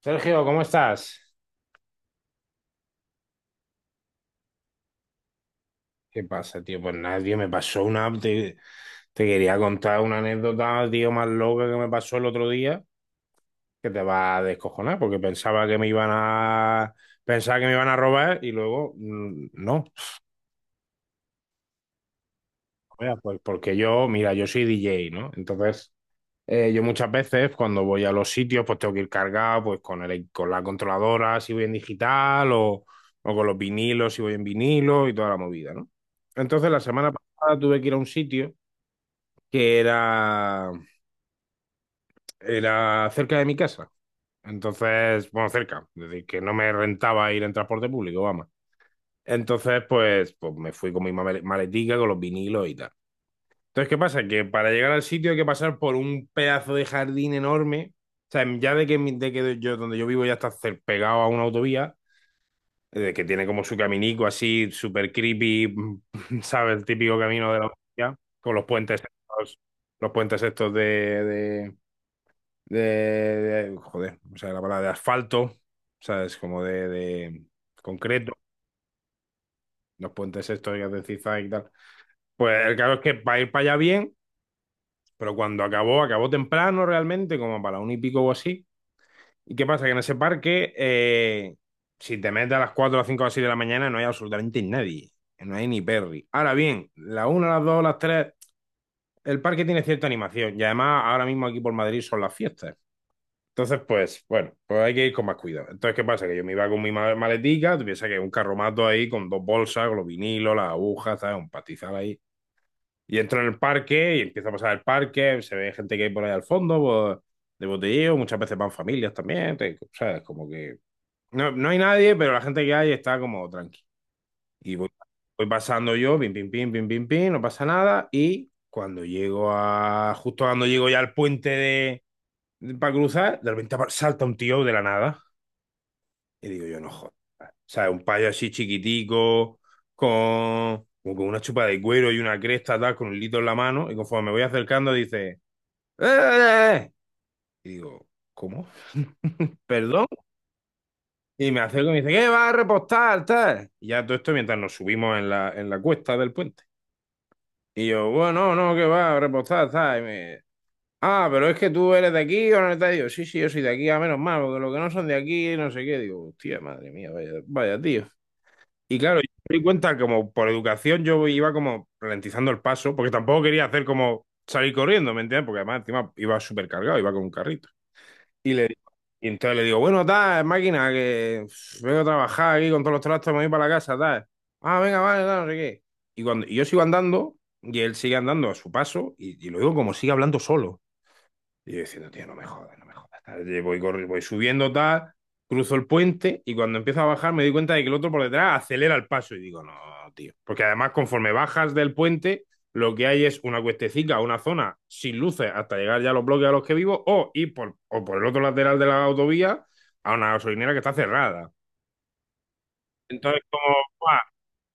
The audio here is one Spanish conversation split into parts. Sergio, ¿cómo estás? ¿Qué pasa, tío? Pues nada, tío, Te quería contar una anécdota, tío, más loca que me pasó el otro día, que te va a descojonar, porque Pensaba que me iban a robar y luego, no. O pues porque yo, mira, yo soy DJ, ¿no? Entonces, yo muchas veces cuando voy a los sitios, pues tengo que ir cargado, pues con la controladora si voy en digital o con los vinilos si voy en vinilo y toda la movida, ¿no? Entonces la semana pasada tuve que ir a un sitio que era cerca de mi casa. Entonces, bueno, cerca, es decir, que no me rentaba ir en transporte público, vamos. Entonces, pues, pues me fui con mi maletica, con los vinilos y tal. Entonces, ¿qué pasa? Que para llegar al sitio hay que pasar por un pedazo de jardín enorme. O sea, ya de que yo, donde yo vivo ya está pegado a una autovía, que tiene como su caminico así, súper creepy, ¿sabes? El típico camino de la autovía, con estos, los puentes estos de, de- joder, o sea, la palabra de asfalto, ¿sabes? Como de concreto, los puentes estos que hacen zigzag y tal. Pues el caso es que para ir para allá bien. Pero cuando acabó temprano realmente, como para un y pico o así. ¿Y qué pasa? Que en ese parque, si te metes a las 4 a las 5 o así de la mañana, no hay absolutamente nadie. No hay ni Perry. Ahora bien, las 1, las 2 las 3 el parque tiene cierta animación. Y además, ahora mismo aquí por Madrid son las fiestas. Entonces, pues, bueno, pues hay que ir con más cuidado. Entonces, ¿qué pasa? Que yo me iba con mi maletica, tú piensas que un carromato ahí con dos bolsas, con los vinilos, las agujas, ¿sabes? Un pastizal ahí. Y entro en el parque y empiezo a pasar el parque, se ve gente que hay por ahí al fondo, pues, de botelleo, muchas veces van familias también, te- ¿sabes? Como que no, no hay nadie, pero la gente que hay está como tranqui. Y voy pasando yo, pim, pim, pim, pim, pim, pim, no pasa nada. Y cuando justo cuando llego ya al puente de, para cruzar, de repente salta un tío de la nada. Y digo yo, no jodas. O sea, un payo así chiquitico, con, como con una chupa de cuero y una cresta, tal, con un litro en la mano. Y conforme me voy acercando, dice, ¡Eh! Eh". Y digo, ¿cómo? ¿Perdón? Y me acerco y me dice, ¿qué vas a repostar, tal? Y ya todo esto mientras nos subimos en la cuesta del puente. Y yo, bueno, no, qué va a repostar, tal. Pero es que tú eres de aquí o no estás. Digo sí, sí, yo soy de aquí, a menos mal, porque los que no son de aquí, no sé qué. Digo, hostia, madre mía, vaya, vaya tío. Y claro, yo me di cuenta como por educación yo iba como ralentizando el paso, porque tampoco quería hacer como salir corriendo, ¿me entiendes? Porque además encima iba súper cargado, iba con un carrito. Y le digo- y entonces le digo, bueno, tal, máquina, que uf, vengo a trabajar aquí con todos los trastos, me voy para la casa, tal. Ah, venga, vale, tal, no sé qué. Y cuando y yo sigo andando, y él sigue andando a su paso, y lo digo como sigue hablando solo. Y yo diciendo, tío, no me jodas, no me jodas. Tal. Voy subiendo tal, cruzo el puente y cuando empiezo a bajar me doy cuenta de que el otro por detrás acelera el paso y digo, no, tío. Porque además conforme bajas del puente, lo que hay es una cuestecica, una zona sin luces hasta llegar ya a los bloques a los que vivo o ir por, o por el otro lateral de la autovía a una gasolinera que está cerrada. Entonces, como, ¡buah!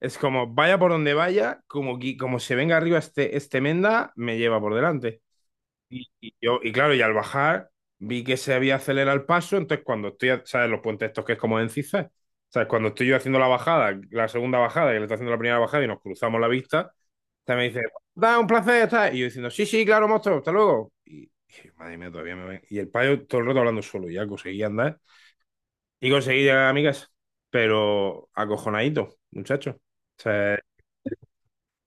Es como, vaya por donde vaya, como, como se venga arriba este menda, me lleva por delante. Y y claro, y al bajar vi que se había acelerado el paso, entonces cuando estoy, ¿sabes? Los puentes estos que es como en zigzag, ¿sabes? Cuando estoy yo haciendo la bajada, la segunda bajada, que le está haciendo la primera bajada y nos cruzamos la vista, te me dice, da un placer, tal. Y yo diciendo, sí, sí, claro, monstruo, hasta luego. Y madre mía, todavía me ven. Y el payo todo el rato hablando solo, y ya conseguí andar y conseguí llegar a mi casa, pero acojonadito, muchacho. O sea,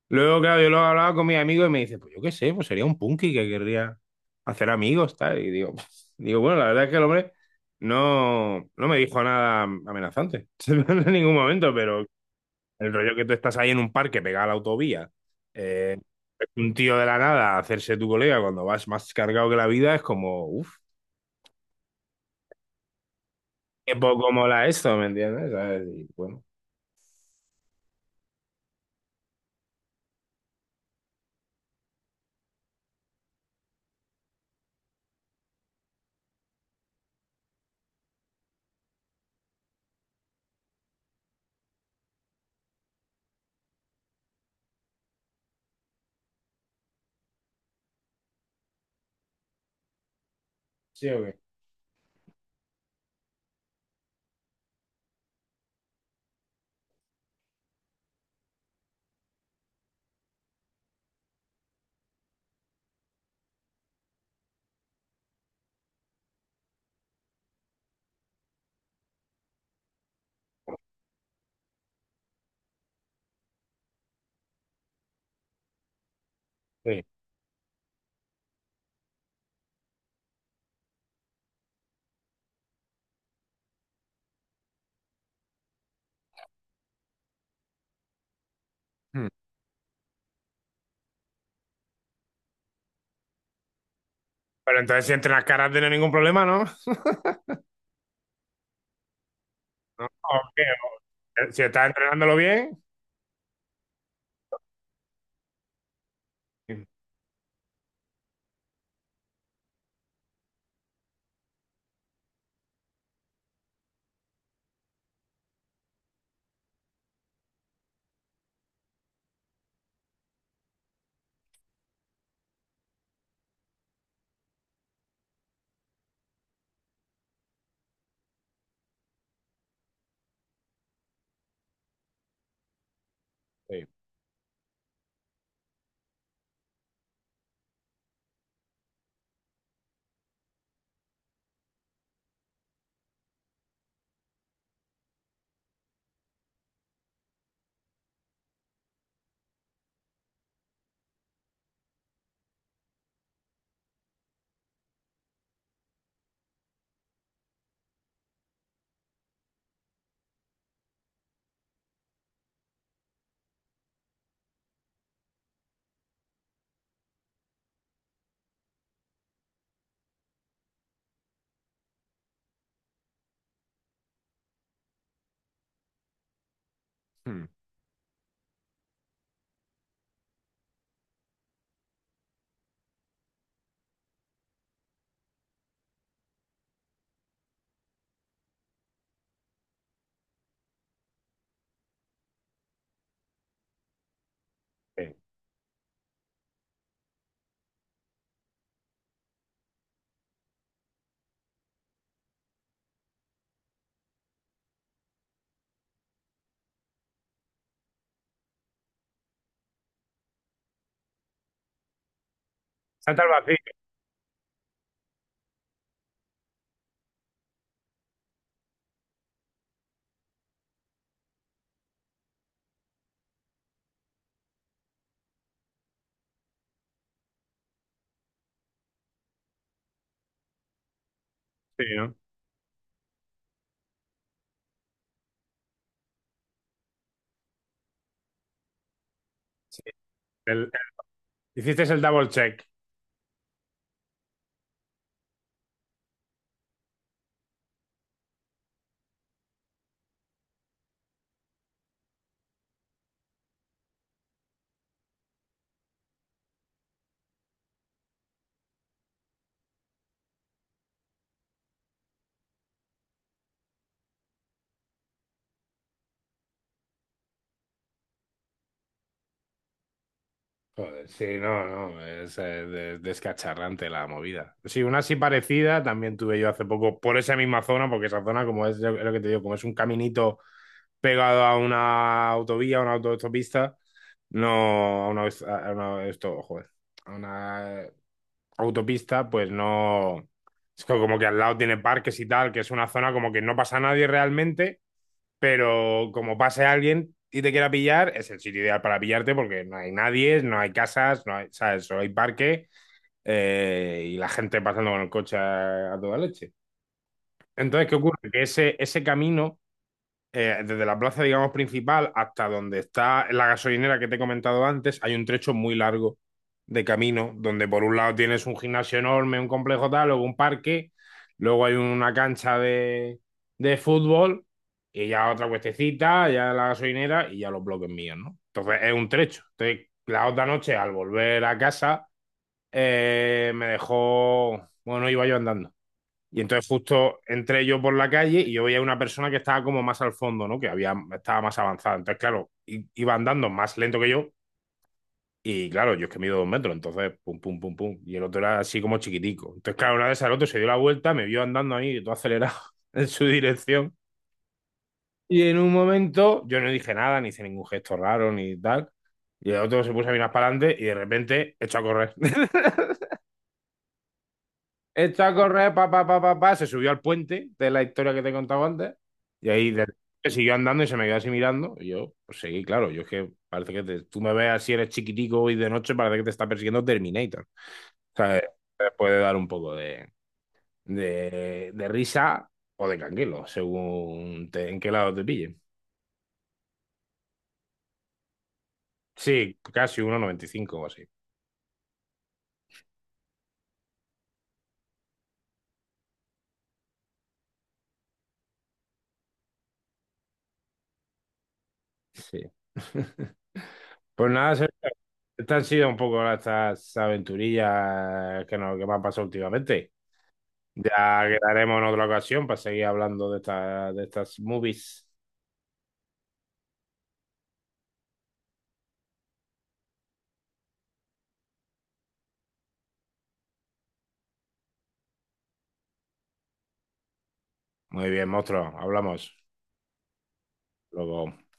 luego, claro, yo lo he hablado con mis amigos y me dice, pues yo qué sé, pues sería un punky que querría hacer amigos, tal. Y digo, digo, bueno, la verdad es que el hombre no me dijo nada amenazante en ningún momento, pero el rollo que tú estás ahí en un parque pegado a la autovía, eh, un tío de la nada hacerse tu colega cuando vas más cargado que la vida es como, uff, qué poco mola esto, ¿me entiendes? ¿Sabes? Y bueno, sí o qué. Sí. Hmm. Pero entonces si entrenas caras no hay ningún problema, ¿no? ¿No? ¿O qué? Si estás entrenándolo bien. Sí. Hmm. Sí. Salta al vacío, sí, ¿no? Sí. El- el- hiciste el double check. Joder, sí, no, no, es descacharrante la movida. Sí, una así parecida también tuve yo hace poco por esa misma zona, porque esa zona, como es lo que te digo, como es un caminito pegado a una autovía, a una autopista, no, a una, a una- esto, joder, a una autopista, pues no, es como que al lado tiene parques y tal, que es una zona como que no pasa nadie realmente, pero como pase alguien y te quiera pillar, es el sitio ideal para pillarte porque no hay nadie, no hay casas, no hay, ¿sabes? Solo hay parque y la gente pasando con el coche a toda leche. Entonces, ¿qué ocurre? Que ese camino desde la plaza, digamos, principal hasta donde está la gasolinera que te he comentado antes, hay un trecho muy largo de camino, donde por un lado tienes un gimnasio enorme, un complejo tal, luego un parque, luego hay una cancha de fútbol, y ya otra cuestecita, ya la gasolinera y ya los bloques míos, ¿no? Entonces es un trecho. Entonces, la otra noche, al volver a casa, me dejó, bueno, iba yo andando y entonces justo entré yo por la calle y yo veía una persona que estaba como más al fondo, ¿no? Que había, estaba más avanzada. Entonces, claro, iba andando más lento que yo. Y claro, yo es que mido 2 metros, entonces pum, pum, pum, pum. Y el otro era así como chiquitico. Entonces, claro, una vez al otro se dio la vuelta, me vio andando ahí, todo acelerado en su dirección. Y en un momento yo no dije nada, ni hice ningún gesto raro, ni tal. Y el otro se puso a mirar para adelante y de repente echó a correr. Echó a correr, pa, pa, pa, pa, pa, se subió al puente de la historia que te he contado antes. Y ahí siguió andando y se me quedó así mirando. Y yo, pues seguí, claro. Yo es que parece que tú me ves así, eres chiquitico y de noche parece que te está persiguiendo Terminator. O sea, te puede dar un poco de risa o de canguelo, según en qué lado te pille. Sí, casi 1,95 o así. Sí. Pues nada, Sergio, estas han sido un poco estas aventurillas que me han pasado últimamente. Ya quedaremos en otra ocasión para seguir hablando de estas movies. Muy bien, monstruo, hablamos. Luego.